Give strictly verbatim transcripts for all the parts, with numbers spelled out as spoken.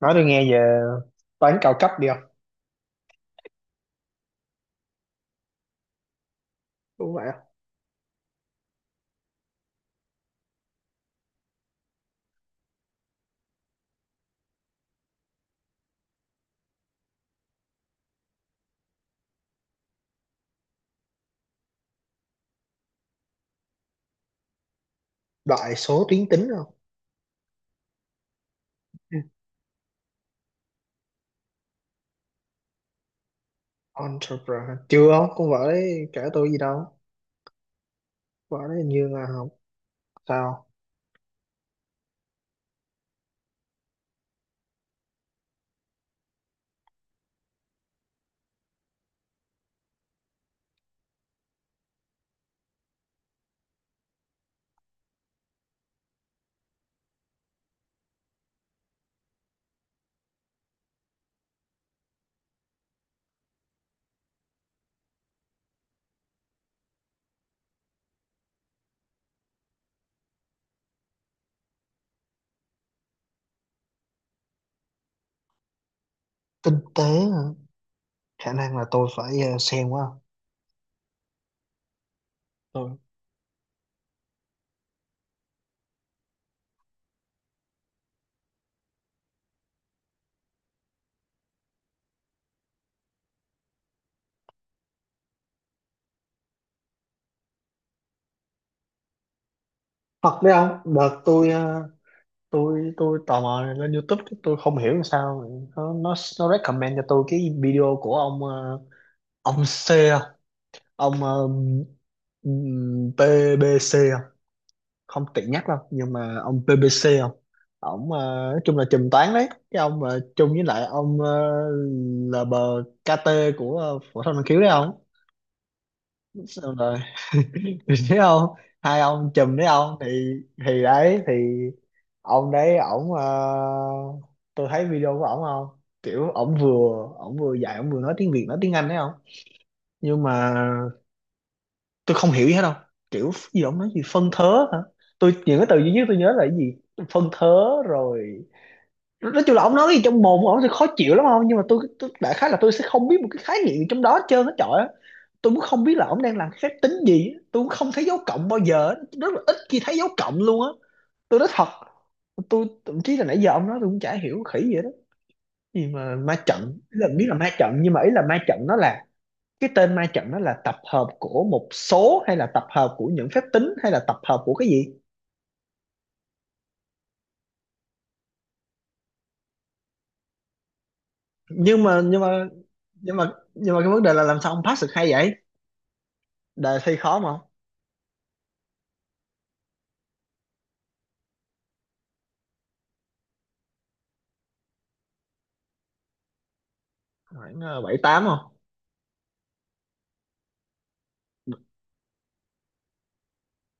Nói tôi nghe về toán cao cấp đi không. Đúng vậy không? Đại số tuyến tính không? Ừ. Entrepreneur chưa không, con vợ đấy kể tôi gì đâu. Con vợ đấy hình như là học, sao? Kinh tế hả? Khả năng là tôi phải ờ, xem quá. Tôi thật đấy không, đợt tôi ờ, tôi tôi tò mò lên YouTube cái tôi không hiểu làm sao nó nó nó recommend cho tôi cái video của ông ờ, ông C, ông ờ, ừm, pê bê xê, không tiện nhắc đâu nhưng mà ông bê bê xê không. Ổng ờ, nói chung là trùm toán đấy, cái ông mà chung với lại ông ờ, lờ bê ca tê của ờ, phổ thông năng khiếu đấy không. Xong rồi thấy không, hai ông chùm đấy không thì thì đấy thì ông đấy ổng ờ, tôi thấy video của ổng không, kiểu ổng vừa ổng vừa dạy ổng vừa nói tiếng Việt nói tiếng Anh đấy không. Nhưng mà tôi không hiểu gì hết đâu, kiểu gì đó ông nói gì phân thớ hả. Tôi, những cái từ duy nhất tôi nhớ là cái gì? Phân thớ rồi. Nói chung là ông nói cái gì trong mồm của ông thì khó chịu lắm không, nhưng mà tôi, tôi đại khái là tôi sẽ không biết một cái khái niệm gì trong đó hết trơn hết trời á. Tôi cũng không biết là ông đang làm cái phép tính gì, tôi cũng không thấy dấu cộng bao giờ á. Rất là ít khi thấy dấu cộng luôn á, tôi nói thật. Tôi thậm chí là nãy giờ ông nói tôi cũng chả hiểu khỉ gì đó, gì mà ma trận, ý là biết là ma trận nhưng mà ý là ma trận nó là cái tên, ma trận đó là tập hợp của một số hay là tập hợp của những phép tính hay là tập hợp của cái gì? Nhưng mà nhưng mà nhưng mà nhưng mà cái vấn đề là làm sao ông pass được hay vậy, đề thi khó mà không? Khoảng ờ, bảy tám không.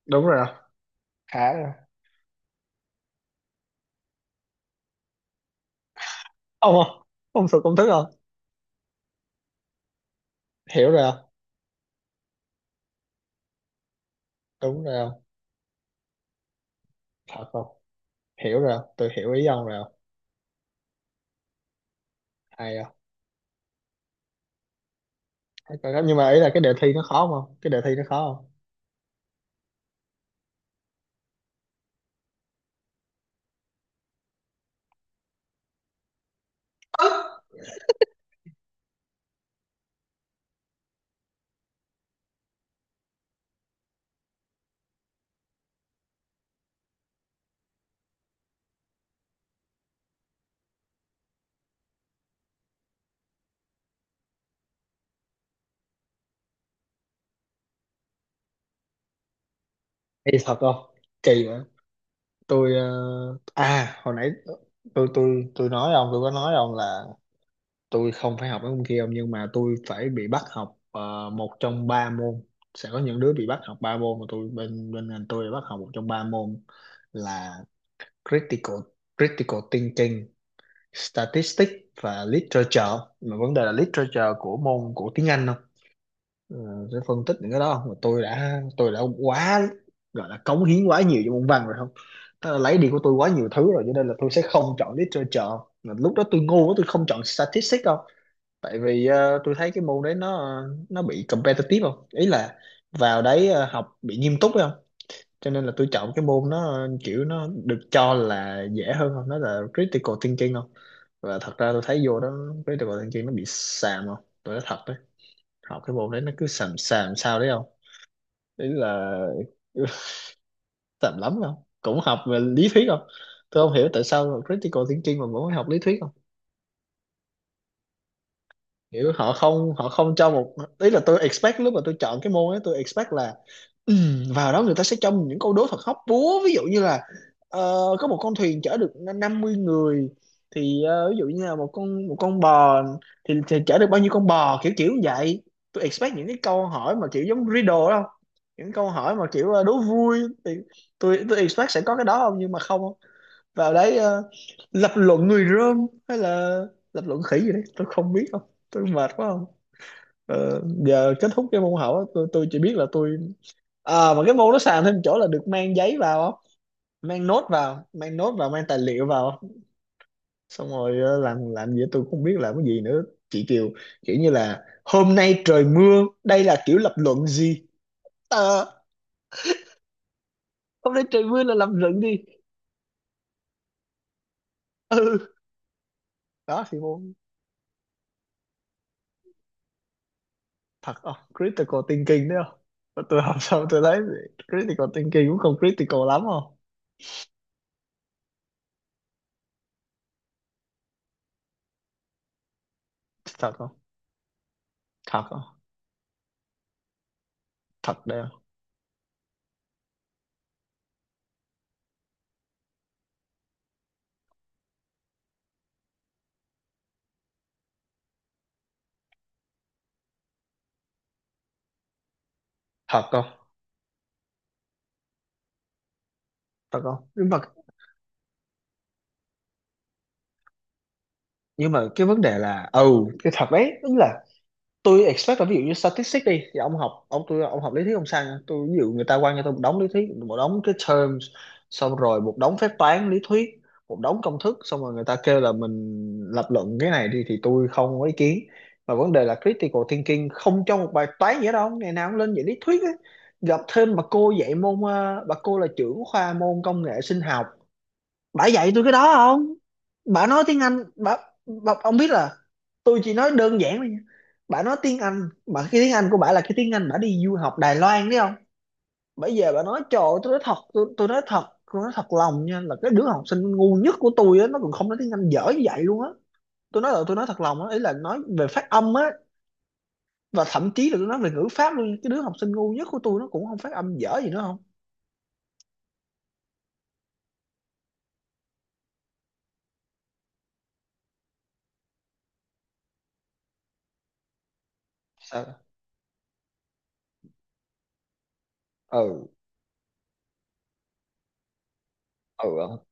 Đúng rồi không. Khá rồi ông không, ông sụt công thức không. Hiểu rồi không. Đúng rồi không. Thật không. Hiểu rồi không, tôi hiểu ý ông rồi không. Hay không. Thấy coi đó. Nhưng mà ý là cái đề thi nó khó không, cái đề thi nó khó không. Kỳ thật không? Kỳ vậy. Tôi ờ, à hồi nãy tôi tôi tôi nói với ông, tôi có nói với ông là tôi không phải học mấy môn kia ông, nhưng mà tôi phải bị bắt học ờ, một trong ba môn. Sẽ có những đứa bị bắt học ba môn, mà tôi bên bên ngành tôi bị bắt học một trong ba môn là critical critical thinking, statistics và literature. Mà vấn đề là literature của môn của tiếng Anh không. Ờ, sẽ phân tích những cái đó không, mà tôi đã tôi đã quá, gọi là cống hiến quá nhiều cho môn văn rồi không. Tức là lấy đi của tôi quá nhiều thứ rồi, cho nên là tôi sẽ không chọn literature. Mà lúc đó tôi ngu quá tôi không chọn statistics, tại vì ờ, tôi thấy cái môn đấy nó nó bị competitive không, ý là vào đấy ờ, học bị nghiêm túc phải không. Cho nên là tôi chọn cái môn nó kiểu nó được cho là dễ hơn không, nó là critical thinking không. Và thật ra tôi thấy vô đó critical thinking nó bị xàm không, tôi nói thật đấy, học cái môn đấy nó cứ xàm xàm sao đấy không, ý là xàm lắm không, cũng học về lý thuyết không. Tôi không hiểu tại sao critical thinking mà vẫn phải học lý thuyết không. Kiểu họ không, họ không cho một, ý là tôi expect lúc mà tôi chọn cái môn ấy tôi expect là, ừ, vào đó người ta sẽ cho mình những câu đố thật hóc búa, ví dụ như là ờ, có một con thuyền chở được n- năm mươi người, thì ờ, ví dụ như là một con một con bò thì, thì chở được bao nhiêu con bò, kiểu kiểu như vậy. Tôi expect những cái câu hỏi mà kiểu giống riddle đó không, những câu hỏi mà kiểu ờ, đố vui, thì tôi tôi expect sẽ có cái đó không, nhưng mà không. Vào đấy ờ, lập luận người Rơm hay là lập luận khỉ gì đấy tôi không biết không. Tôi mệt quá. Ờ, giờ kết thúc cái môn học á, tôi, tôi chỉ biết là tôi, à, mà cái môn nó sàn thêm chỗ là được mang giấy vào á, mang nốt vào mang nốt vào mang tài liệu vào. Xong rồi ờ, làm làm gì tôi cũng không biết làm cái gì nữa. Chị Kiều, kiểu như là hôm nay trời mưa, đây là kiểu lập luận gì? Ờ, hôm nay trời mưa là lập luận đi. Ừ, đó thì môn, thật không, critical thinking đấy không. Mà tôi học xong tôi thấy critical thinking cũng không critical lắm không. Thật không. Thật không. Thật đấy không. Thật không. Thật không. Nhưng mà nhưng mà cái vấn đề là, ừ, cái thật đấy, tức là tôi expect là ví dụ như statistics đi thì ông học ông tôi ông học lý thuyết ông sao nha, tôi ví dụ người ta quăng cho tôi một đống lý thuyết, một đống cái terms, xong rồi một đống phép toán lý thuyết, một đống công thức, xong rồi người ta kêu là mình lập luận cái này đi thì tôi không có ý kiến. Mà vấn đề là critical thinking không trong một bài toán gì hết đâu, ngày nào cũng lên dạy lý thuyết á. Gặp thêm bà cô dạy môn ờ, bà cô là trưởng khoa môn công nghệ sinh học, bả dạy tôi cái đó không. Bả nói tiếng Anh, bả, bả, ông biết là tôi chỉ nói đơn giản thôi nha, bả nói tiếng Anh mà cái tiếng Anh của bả là cái tiếng Anh bả đi du học Đài Loan đấy không. Bây giờ bả nói, trời ơi, tôi nói thật, tôi, tôi nói thật. Tôi nói thật lòng nha, là cái đứa học sinh ngu nhất của tôi á nó còn không nói tiếng Anh dở như vậy luôn á. Tôi nói là tôi nói thật lòng á, ý là nói về phát âm á. Và thậm chí là tôi nói về ngữ pháp luôn, cái đứa học sinh ngu nhất của tôi nó cũng không phát âm dở gì nữa không. Sao. Ừ. Ừ.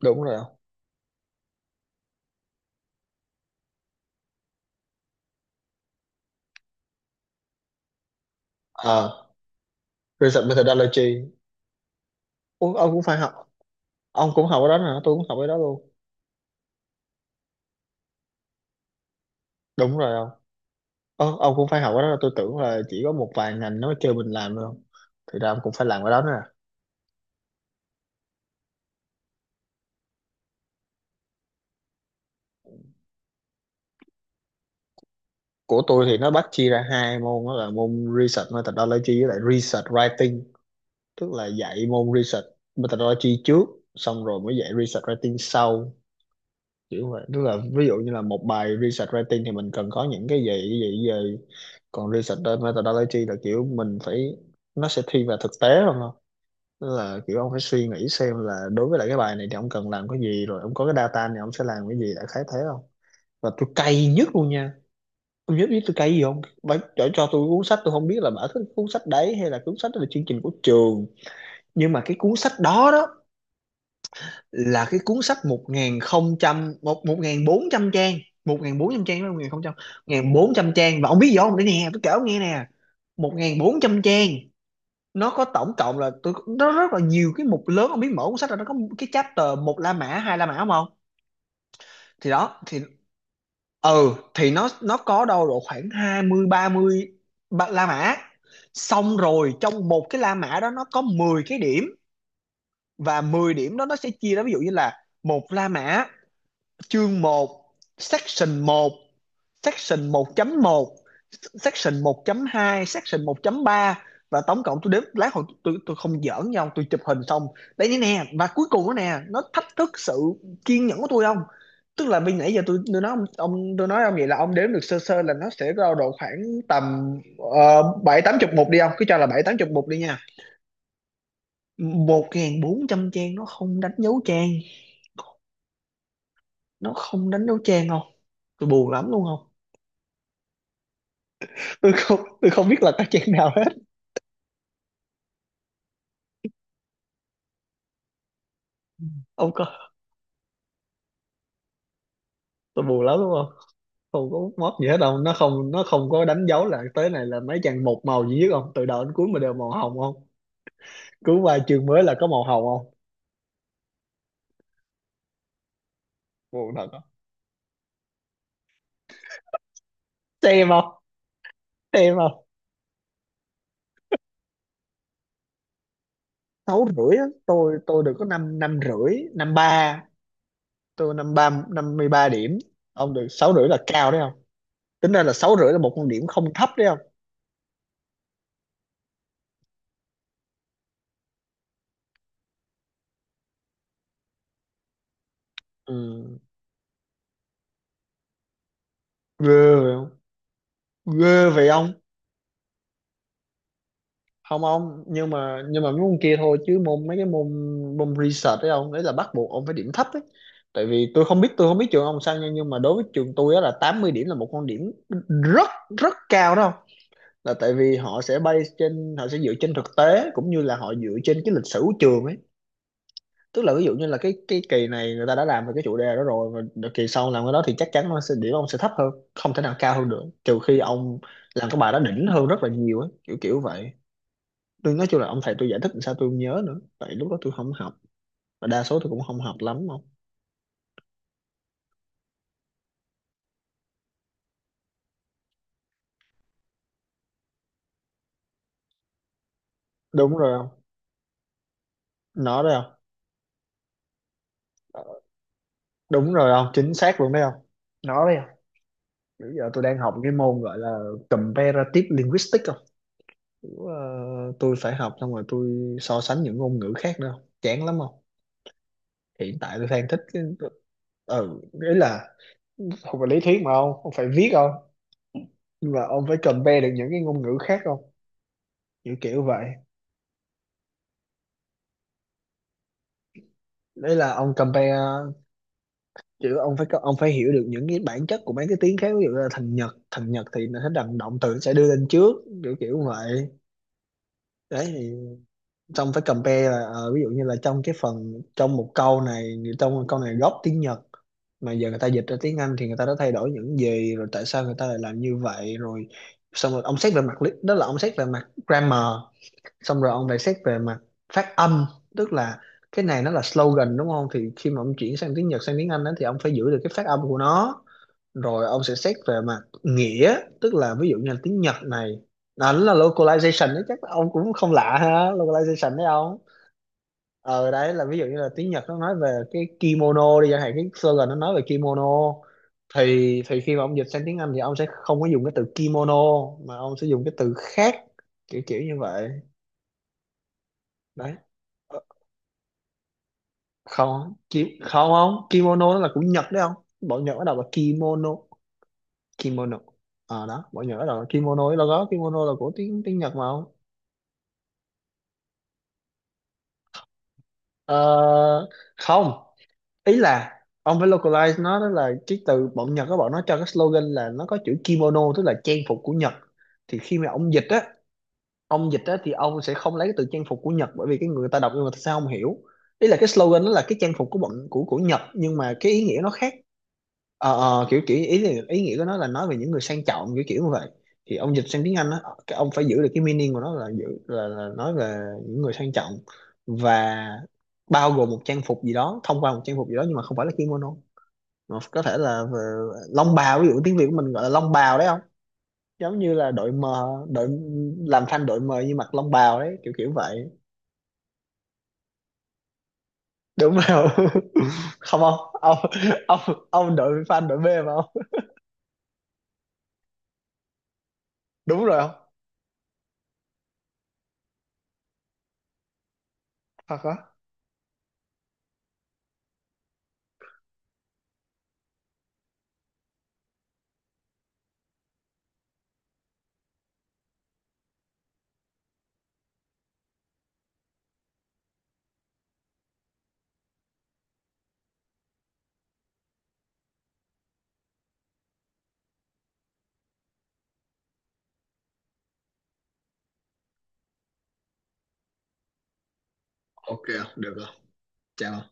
Đúng rồi không. À, research methodology. Ủa, ông cũng phải học, ông cũng học ở đó hả, tôi cũng học ở đó luôn. Đúng rồi ông. Ơ, ông cũng phải học ở đó, tôi tưởng là chỉ có một vài ngành nó kêu mình làm thôi, thì ra ông cũng phải làm ở đó nữa à. Của tôi thì nó bắt chia ra hai môn, đó là môn research methodology với lại research writing, tức là dạy môn research methodology trước, xong rồi mới dạy research writing sau, kiểu vậy. Tức là ví dụ như là một bài research writing thì mình cần có những cái gì cái gì cái gì, còn research methodology là kiểu mình phải, nó sẽ thiên về thực tế hơn không. Tức là kiểu ông phải suy nghĩ xem là đối với lại cái bài này thì ông cần làm cái gì, rồi ông có cái data này ông sẽ làm cái gì, đại khái thế không. Và tôi cay nhất luôn nha, ông biết biết tôi cay gì không, bà cho, cho tôi cuốn sách, tôi không biết là bà thích cuốn sách đấy hay là cuốn sách đó là chương trình của trường, nhưng mà cái cuốn sách đó đó là cái cuốn sách một nghìn không trăm một một nghìn bốn trăm trang một nghìn bốn trăm trang với một nghìn không trăm một nghìn bốn trăm trang, và ông biết gì không, để nè tôi kể ông nghe nè, một nghìn bốn trăm trang, nó có tổng cộng là, tôi, nó rất là nhiều cái mục lớn không, biết mở cuốn sách là nó có cái chapter một La Mã, hai La Mã không không. Thì đó thì, ừ thì nó nó có đâu độ khoảng hai mươi ba- mươi La Mã, xong rồi trong một cái La Mã đó nó có mười cái điểm, và mười điểm đó nó sẽ chia ra. Ví dụ như là một La Mã, chương một, section một, section 1 một, section một hai, section một ba. Và tổng cộng tôi đếm lát hồi, tôi tôi không giỡn nhau, tôi chụp hình xong đây như nè, và cuối cùng đó nè nó thách thức sự kiên nhẫn của tôi không. Tức là bây nãy giờ tôi tôi nói ông, ông tôi nói ông vậy là ông đếm được sơ sơ là nó sẽ rao độ khoảng tầm ờ, bảy tám chục mục đi. Ông cứ cho là bảy tám chục mục đi nha. Một ngàn bốn trăm trang, nó không đánh dấu trang, nó không đánh dấu trang, không? Tôi buồn lắm luôn, không? Tôi không tôi không biết là các trang nào hết. Ông có, tôi buồn lắm, đúng không? Không có mút gì hết đâu, nó không nó không có đánh dấu là tới này là mấy trang, một màu duy nhất, không, từ đầu đến cuối mà đều màu hồng, không, cứ qua chương mới là có màu hồng, không? Buồn thật á. Xem không? Xem không? Sáu rưỡi á? Tôi tôi được có năm, năm rưỡi, năm ba. Tôi năm ba, năm mươi ba điểm. Ông được sáu rưỡi là cao đấy không? Tính ra là sáu rưỡi là một con điểm không thấp đấy không? Ừ. Ghê vậy không? Ghê vậy ông. Không ông, nhưng mà nhưng mà mấy môn kia thôi, chứ môn, mấy cái môn, môn research đấy ông, đấy là bắt buộc ông phải điểm thấp ấy. Tại vì tôi không biết tôi không biết trường ông sao nha, nhưng mà đối với trường tôi á là tám mươi điểm là một con điểm rất rất cao đó không? Là tại vì họ sẽ base trên, họ sẽ dựa trên thực tế cũng như là họ dựa trên cái lịch sử của trường ấy. Tức là ví dụ như là cái cái kỳ này người ta đã làm về cái chủ đề đó rồi, và đợt kỳ sau làm cái đó thì chắc chắn nó sẽ điểm ông sẽ thấp hơn, không thể nào cao hơn được, trừ khi ông làm cái bài đó đỉnh hơn rất là nhiều ấy, kiểu kiểu vậy. Tôi nói chung là ông thầy tôi giải thích làm sao tôi không nhớ nữa, tại lúc đó tôi không học, và đa số tôi cũng không học lắm không. Đúng rồi không, nó đấy không. Ờ, đúng rồi không, chính xác luôn đấy không, nó đấy không. Bây giờ tôi đang học cái môn gọi là comparative linguistics không. Kiểu, ờ, tôi phải học xong rồi tôi so sánh những ngôn ngữ khác nữa không? Chán lắm không. Hiện tại tôi đang thích cái, ừ, ý là không phải lý thuyết mà ông ông phải viết không, nhưng mà ông phải compare được những cái ngôn ngữ khác không, kiểu kiểu vậy. Đấy là ông compare, chứ ông phải có- ông phải hiểu được những cái bản chất của mấy cái tiếng khác. Ví dụ là thằng Nhật thằng Nhật thì nó sẽ đằng động từ sẽ đưa lên trước, kiểu kiểu vậy. Đấy thì xong phải compare là ờ, ví dụ như là trong cái phần, trong một câu này trong một câu này gốc tiếng Nhật, mà giờ người ta dịch ra tiếng Anh thì người ta đã thay đổi những gì rồi, tại sao người ta lại làm như vậy. Rồi xong rồi ông xét về mặt lý, đó là ông xét về mặt grammar. Xong rồi ông lại xét về mặt phát âm, tức là cái này nó là slogan đúng không, thì khi mà ông chuyển sang tiếng Nhật sang tiếng Anh đó, thì ông phải giữ được cái phát âm của nó. Rồi ông sẽ xét về mặt nghĩa, tức là ví dụ như là tiếng Nhật này, nó là localization đấy, chắc ông cũng không lạ ha, localization đấy ông. Ờ, đấy là ví dụ như là tiếng Nhật nó nói về cái kimono đi chẳng hạn, cái slogan nó nói về kimono, thì thì khi mà ông dịch sang tiếng Anh thì ông sẽ không có dùng cái từ kimono, mà ông sẽ dùng cái từ khác, kiểu kiểu như vậy đấy. Ờ, không kim không không kimono nó là của Nhật đấy không, bọn Nhật nó đọc là kimono, kimono. À đó, mọi người nhớ rồi, kimono là có, kimono là của tiếng tiếng Nhật mà không. Ờ, không, ý là ông phải localize nó, đó là cái từ bọn Nhật, các bọn nó cho cái slogan là nó có chữ kimono, tức là trang phục của Nhật. Thì khi mà ông dịch á ông dịch á thì ông sẽ không lấy cái từ trang phục của Nhật, bởi vì cái người ta đọc nhưng mà sao không hiểu. Ý là cái slogan nó là cái trang phục của bọn của của Nhật, nhưng mà cái ý nghĩa nó khác. ờ ờ, kiểu kiểu ý là- ý nghĩa của nó là nói về những người sang trọng, kiểu kiểu như vậy. Thì ông dịch sang tiếng Anh á, cái ông phải giữ được cái meaning của nó, là giữ là, là nói về những người sang trọng, và bao gồm một trang phục gì đó, thông qua một trang phục gì đó, nhưng mà không phải là kimono, mà có thể là về long bào, ví dụ tiếng Việt của mình gọi là long bào đấy không. Giống như là đội mờ đội làm thanh, đội mờ như mặc long bào đấy, kiểu kiểu vậy. Đúng rồi. Không không ông ông ông đội fan đội B mà không? Đúng rồi không, thật á. Ok, được rồi, chào ông.